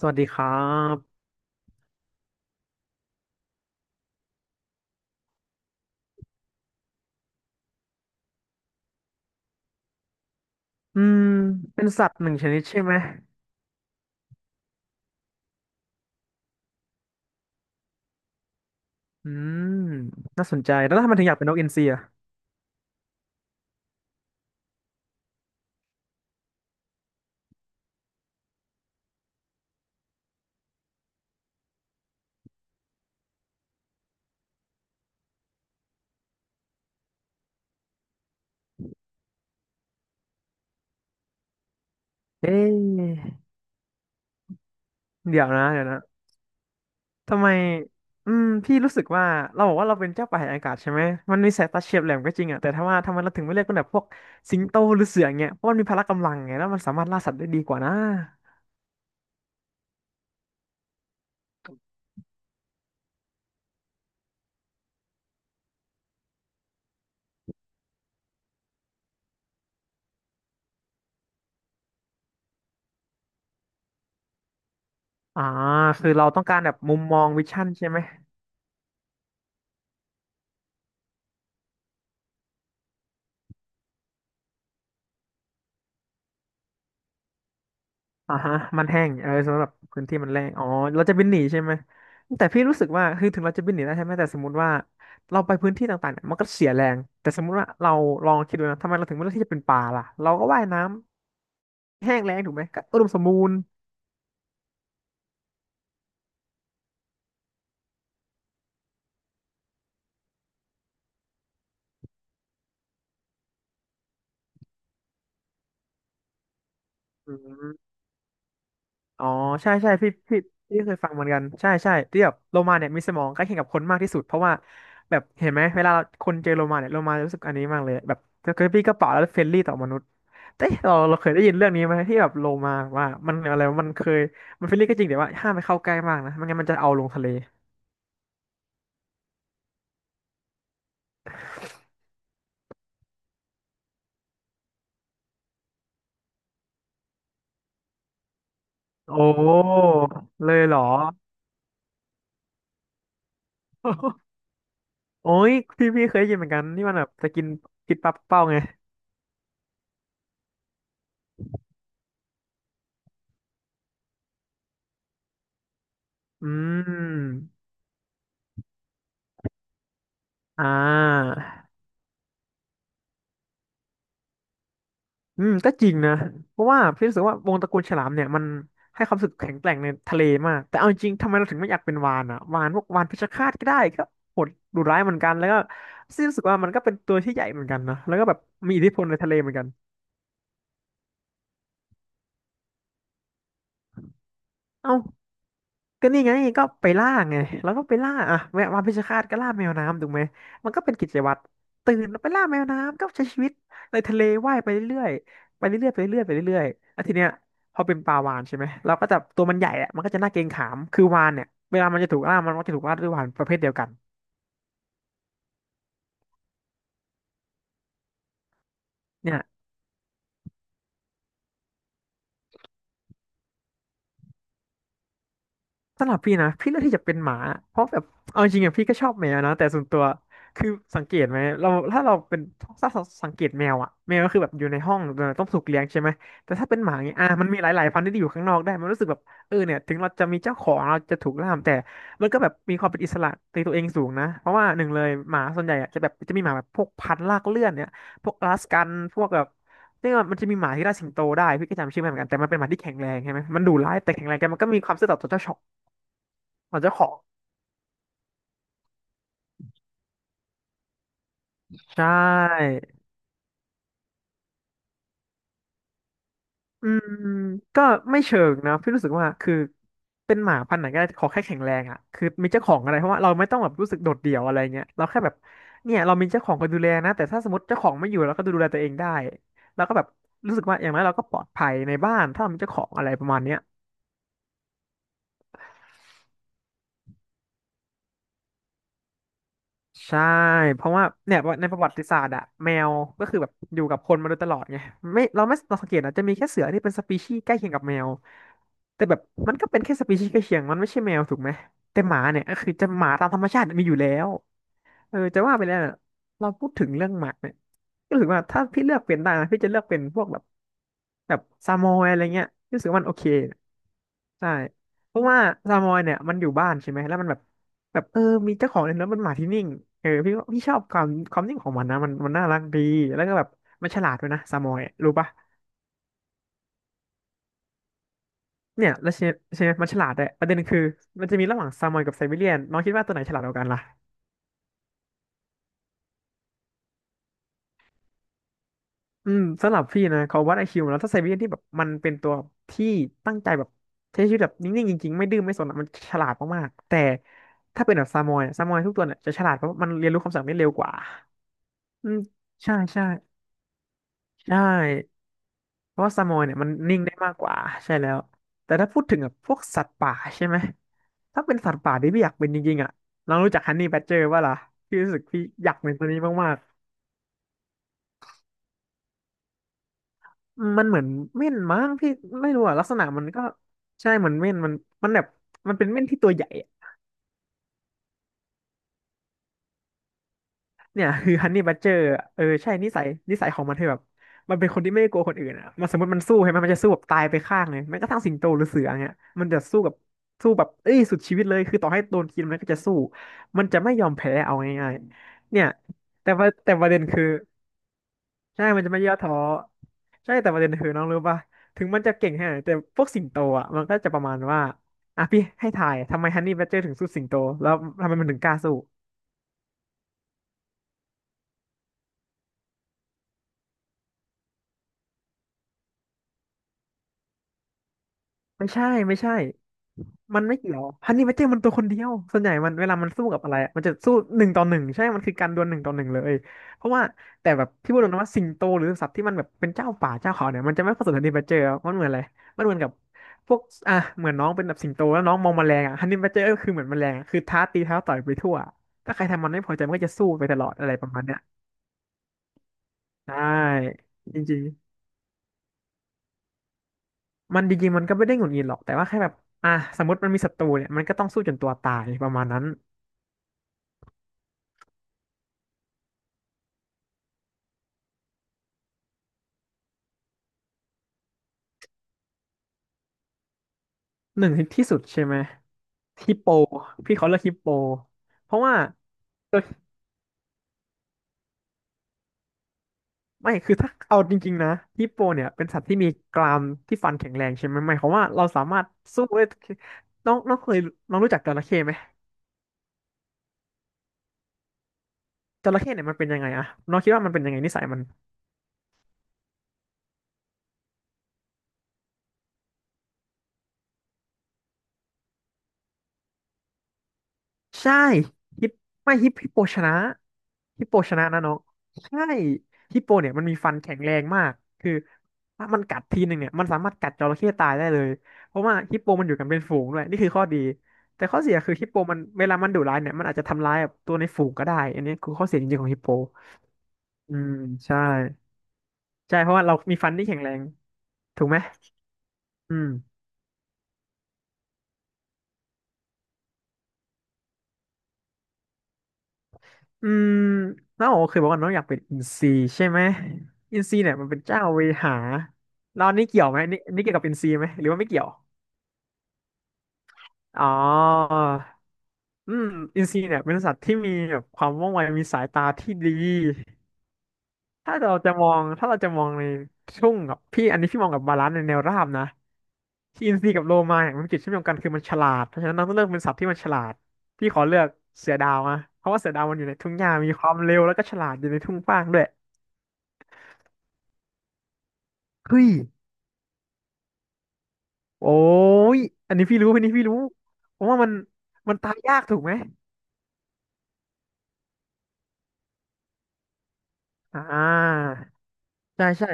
สวัสดีครับ อืม เป็นสัตว์หนึ่งชนิดใช่ไหม อืม น่าสนใจ แล้วทำไมถึงอยากเป็นนกอินทรีอ่ะเอ๊ะเดี๋ยวนะ ทำไม พี่รู้สึกว่า เราบอกว่าเราเป็นเจ้าป่าแห่งอากาศใช่ไหม มันมีสายตาเฉียบแหลมก็จริงอ่ะแต่ถ้าว่าทำไมเราถึงไม่เรียกเป็นแบบพวกสิงโตหรือเสือเงี้ยเพราะมันมีพละกำลังไงแล้วมันสามารถล่าสัตว์ได้ดีกว่านะอ่าคือเราต้องการแบบมุมมองวิชั่นใช่ไหม อ่าฮะมันแห้งเออสำหรับพื้นที่มันแรงอ๋อเราจะบินหนีใช่ไหมแต่พี่รู้สึกว่าคือถึงเราจะบินหนีได้ใช่ไหมแต่สมมติว่าเราไปพื้นที่ต่างๆเนี่ยมันก็เสียแรงแต่สมมติว่าเราลองคิดดูนะทำไมเราถึงไม่เลือกที่จะเป็นป่าล่ะเราก็ว่ายน้ำแห้งแล้งถูกไหมก็อุดมสมบูรณ์อืม อ๋อใช่ใช่พี่พี่พี่เคยฟังเหมือนกันใช่ใช่ที่แบบโลมาเนี่ยมีสมองใกล้เคียงกับคนมากที่สุดเพราะว่าแบบเห็นไหมเวลาคนเจอโลมาเนี่ยโลมารู้สึกอันนี้มากเลยแบบคือพี่ก็เปล่าแล้วเฟรนลี่ต่อมนุษย์แต่เราเคยได้ยินเรื่องนี้ไหมที่แบบโลมาว่ามันอะไรวะมันเคยมันเฟรนลี่ก็จริงแต่ว่าห้ามไปเข้าใกล้มากนะไม่งั้นมันจะเอาลงทะเลโอ้เลยเหรอ โอ้ยพี่พี่เคยได้ยินเหมือนกันที่มันแบบจะกินกินปลาเป้าไงอืมอ่า อืมก็จริงนะเพราะว่าพี่รู้สึกว่าวงตระกูลฉลามเนี่ยมันให้ความรู้สึกแข็งแกร่งในทะเลมากแต่เอาจริงๆทำไมเราถึงไม่อยากเป็นวาฬอ่ะวาฬพวกวาฬเพชฌฆาตก็ได้ก็โหดดุร้ายเหมือนกันแล้วก็พี่รู้สึกว่ามันก็เป็นตัวที่ใหญ่เหมือนกันนะแล้วก็แบบมีอิทธิพลในทะเลเหมือนกันเอ้า ก็นี่ไงก็ไปล่าไงแล้วก็ไปล่าอ่ะแมววานเพชฌฆาตก็ล่าแมวน้ำถูกไหมมันก็เป็นกิจวัตรตื่นแล้วไปล่าแมวน้ำก็ใช้ชีวิตในทะเลว่ายไปเรื่อยๆไปเรื่อยๆไปเรื่อยๆไปเรื่อยๆแล้วทีเนี้ยพอเป็นปลาวาฬใช่ไหมเราก็จะตัวมันใหญ่อะมันก็จะน่าเกรงขามคือวาฬเนี่ยเวลามันจะถูกล่ามันก็จะถูกล่าด้วยวาฬประเภทเดียวกันเนี่ย สำหรับพี่นะพี่เลือกที่จะเป็นหมาเพราะแบบเอาจริงๆอะพี่ก็ชอบแมวนะแต่ส่วนตัวคือสังเกตไหมเราถ้าเราเป็นถ้าเราสังเกตแมวอะแมวก็คือแบบอยู่ในห้องต้องถูกเลี้ยงใช่ไหมแต่ถ้าเป็นหมาเงี้ยอ่ะมันมีหลายๆพันธุ์ที่อยู่ข้างนอกได้มันรู้สึกแบบเออเนี่ยถึงเราจะมีเจ้าของเราจะถูกล่ามแต่มันก็แบบมีความเป็นอิสระในตัวเองสูงนะเพราะว่าหนึ่งเลยหมาส่วนใหญ่อะจะแบบจะมีหมาแบบพวกพันธุ์ลากเลื่อนเนี่ยพวกอลาสกันพวกแบบเรียกว่ามันจะมีหมาที่ล่าสิงโตได้พี่ก็จำชื่อไม่เหมือนกันแต่มันเป็นหมาที่แข็งแรงใช่ไหมมันดุร้ายแต่แข็งแรงแต่มันก็มีความซื่อสัตย์ต่อเจ้าของ อ๋องเจ้าของใช่อืมก็ไม่เชิงนะพี่รู้สึกว่าคือเป็นหมาพันธุ์ไหนก็ได้ขอแค่แข็งแรงอ่ะคือมีเจ้าของอะไรเพราะว่าเราไม่ต้องแบบรู้สึกโดดเดี่ยวอะไรเงี้ยเราแค่แบบเนี่ยเรามีเจ้าของคอยดูแลนะแต่ถ้าสมมติเจ้าของไม่อยู่เราก็ดูแลตัวเองได้แล้วก็แบบรู้สึกว่าอย่างน้อยเราก็ปลอดภัยในบ้านถ้าเรามีเจ้าของอะไรประมาณเนี้ย ใช่เพราะว่าเนี่ยในประวัติศาสตร์อะแมวก็คือแบบอยู่กับคนมาโดยตลอดไงไม่เราสังเกตนะจะมีแค่เสือที่เป็นสปีชีส์ใกล้เคียงกับแมวแต่แบบมันก็เป็นแค่สปีชีส์ใกล้เคียงมันไม่ใช่แมวถูกไหมแต่หมาเนี่ยก็คือจะหมาตามธรรมชาติมีอยู่แล้วเออจะว่าไปแล้วเน่ะเราพูดถึงเรื่องหมาเนี่ยก็ถือว่าถ้าพี่เลือกเป็นได้นะพี่จะเลือกเป็นพวกแบบแบบซามอยอะไรเงี้ยพี่รู้สึกว่ามันโอเค ใช่เพราะว่าซามอยเนี่ยมันอยู่บ้านใช่ไหมแล้วมันแบบมีเจ้าของเลยแล้วมันหมาที่นิ่งเออพี่ชอบความนิ่งของมันนะมันน่ารักดีแล้วก็แบบมันฉลาดด้วยนะซามอยรู้ปะเนี่ยแล้วใช่ใช่ไหมมันฉลาดด้วยประเด็นคือมันจะมีระหว่างซามอยกับไซบีเรียนน้องคิดว่าตัวไหนฉลาดกว่ากันล่ะอืมสำหรับพี่นะเขาวัดไอคิวแล้วถ้าไซบีเรียนที่แบบมันเป็นตัวที่ตั้งใจแบบใช้ชีวิตแบบนิ่งๆจริงๆไม่ดื้อไม่สนอะมันฉลาดมากๆแต่ถ้าเป็นแบบซามอยอะซามอยทุกตัวเนี่ยจะฉลาดเพราะมันเรียนรู้คำสั่งได้เร็วกว่า อืมใช่ใช่ใช่เพราะว่าซามอยเนี่ยมันนิ่งได้มากกว่าใช่แล้วแต่ถ้าพูดถึงแบบพวกสัตว์ป่าใช่ไหมถ้าเป็นสัตว์ป่าที่พี่อยากเป็นจริงๆอ่ะเรารู้จักฮันนี่แบดเจอร์ป่ะล่ะพี่รู้สึกพี่อยากเป็นตัวนี้มากๆมันเหมือนเม่นมั้งพี่ไม่รู้อ่ะลักษณะมันก็ใช่เหมือนเม่นมันมันแบบมันเป็นเม่นที่ตัวใหญ่ เนี่ย คือฮันนี่บัดเจอร์เออใช่นิสัยของมันคือแบบมันเป็นคนที่ไม่กลัวคนอื่นอ่ะมันสมมติมันสู้ใช่ไหมมันจะสู้แบบตายไปข้างเลยแม้กระทั่งสิงโตหรือเสือเงี้ยมันจะสู้กับสู้แบบเอ้ยสุดชีวิตเลยคือต่อให้โดนกินมันก็จะสู้มันจะไม่ยอมแพ้เอาง่ายๆเนี่ยแต่ว่าแต่ประเด็นคือใช่มันจะไม่ย่อท้อใช่แต่ประเด็นคือน้องรู้ป่ะถึงมันจะเก่งแค่ไหนแต่พวกสิงโตอ่ะมันก็จะประมาณว่าอ่ะพี่ให้ทายทำไมฮันนี่บัดเจอร์ถึงสู้สิงโตแล้วทำไมมันถึงกล้าสู้ไม่ใช่ไม่ใช่ มันไม่เกี่ยวฮันนี่แมเจอร์มันตัวคนเดียวส่วนใหญ่มันเวลามันสู้กับอะไรอะมันจะสู้หนึ่งต่อหนึ่งใช่มันคือการดวลหนึ่งต่อหนึ่งเลยเพราะว่าแต่แบบที่พูดตรงนะว่าสิงโตหรือสัตว์ที่มันแบบเป็นเจ้าป่าเจ้าเขาเนี่ยมันจะไม่ผสมฮันนี่แมเจอร์มันเหมือนอะไรมันเหมือนกับพวกอ่ะเหมือนน้องเป็นแบบสิงโตแล้วน้องมองแมลงอะฮันนี่แมเจอร์ก็คือเหมือนแมลงอะคือท้าตีท้าต่อยไปทั่วถ้าใครทำมันไม่พอใจมันก็จะสู้ไปตลอดอะไรประมาณเนี้ยใช่จริงๆมันจริงๆมันก็ไม่ได้หงุดหงิดหรอกแต่ว่าแค่แบบอ่ะสมมติมันมีศัตรูเนี่ยมันก็ต้องสู้จนตัวตายประมาณนั้นหนึ่งที่สุดใช่ไหม ฮิปโปพี่เขาเรียกฮิปโปเพราะว่าโดยไม่ คือถ้าเอาจริงๆนะฮิปโปเนี่ยเป็นสัตว์ที่มีกรามที่ฟันแข็งแรงใช่ไหมหมายความว่าเราสามารถสู้ได้น้องน้องเคยน้องรู้จักจระเข้ไหมจระเข้เนี่ยมันเป็นยังไงอะ น้องคิดว่ามันเป็นยังไงนิสัยมัน ใช่ฮิปฮิปโปชนะฮิปโปชนะนะน้องใช่ฮิปโปเนี่ยมันมีฟันแข็งแรงมากคือถ้ามันกัดทีหนึ่งเนี่ยมันสามารถกัดจระเข้ตายได้เลยเพราะว่าฮิปโปมันอยู่กันเป็นฝูงด้วยนี่คือข้อดีแต่ข้อเสียคือฮิปโปมันเวลามันดุร้ายเนี่ยมันอาจจะทำร้ายแบบตัวในฝูงก็ได้อันนี้คือข้อเสียจริงๆของฮิปโปอืมใช่ใช่เพราะว่าเรามีฟันที่แข็งแรงถูกไหมอืม อืมน้องโอเคยบอกว่าน้องอยากเป็นอินซีใช่ไหมอินซีเนี่ยมันเป็นเจ้าเวหาแล้วอันนี่เกี่ยวไหมนี่นี่เกี่ยวกับอินซีไหมหรือว่าไม่เกี่ยวอ๋ออืมอินซีเนี่ยเป็นสัตว์ที่มีแบบความว่องไวมีสายตาที่ดีถ้าเราจะมองถ้าเราจะมองในช่วงกับพี่อันนี้พี่มองกับบาลานซ์ในแนวราบนะที่อินซีกับโลมาเนี่ยมันจุดเชื่อมโยงกันคือมันฉลาดเพราะฉะนั้นน้องต้องเลือกเป็นสัตว์ที่มันฉลาดพี่ขอเลือกเสือดาวนะเพราะว่าเสือดาวมันอยู่ในทุ่งหญ้ามีความเร็วแล้วก็ฉลาดอยู่ในทุ่งกว้างด้วยเฮ้ย โอ้ย อันนี้พี่รู้อันนี้พี่รู้เพราะว่ามันตายยากถูกไหม อ่าใช่ใช่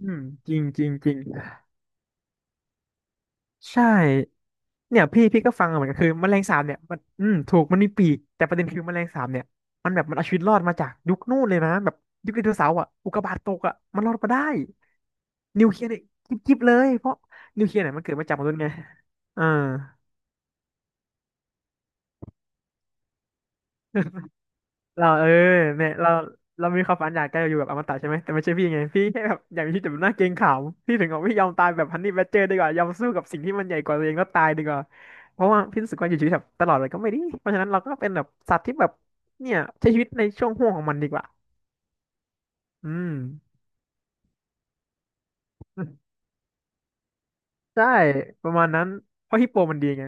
อืมจริงจริงจริงใช่เนี่ยพี่ก็ฟังมาเหมือนกันคือแมลงสาบเนี่ยมันอืมถูกมันมีปีกแต่ประเด็นคือแมลงสาบเนี่ยมันแบบมันเอาชีวิตรอดมาจากยุคนู่นเลยนะแบบยุคไดโนเสาร์อ่ะอุกกาบาตตกอ่ะมันรอดมาได้นิวเคลียร์เนี่ยจิ๊บๆเลยเพราะนิวเคลียร์เนี่ยมันเกิดมาจากมนุษย์ไงอ่า เราเออเนี่ยเรามีความฝันอยากจะอยู่แบบอมตะใช่ไหมแต่ไม่ใช่พี่ไงพี่แค่แบบอยากมีชีวิตแบบน่าเกรงขามพี่ถึงบอกพี่ยอมตายแบบฮันนี่แบดเจอร์ดีกว่ายอมสู้กับสิ่งที่มันใหญ่กว่าตัวเองแล้วตายดีกว่าเพราะว่าพี่รู้สึกว่าอยู่ชีวิตแบบตลอดเลยก็ไม่ดีเพราะฉะนั้นเราก็เป็นแบบสัตว์ที่แบบเนี่ยใช้ชีวิตในช่วงห่วงของมันดีกว่าอืม ใช่ประมาณนั้นเพราะฮิปโปมันดีไง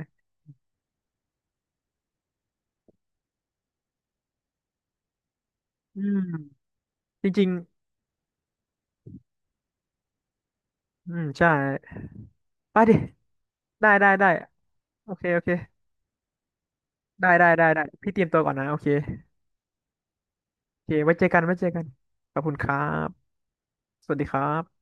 อืมจริงๆอืมใช่ไปดิได้ได้ได้โอเคโอเคได้ได้ได้ได้พี่เตรียมตัวก่อนนะโอเค โอเคไว้เจอกันไว้เจอกัน ขอบคุณครับ สวัสดีครับ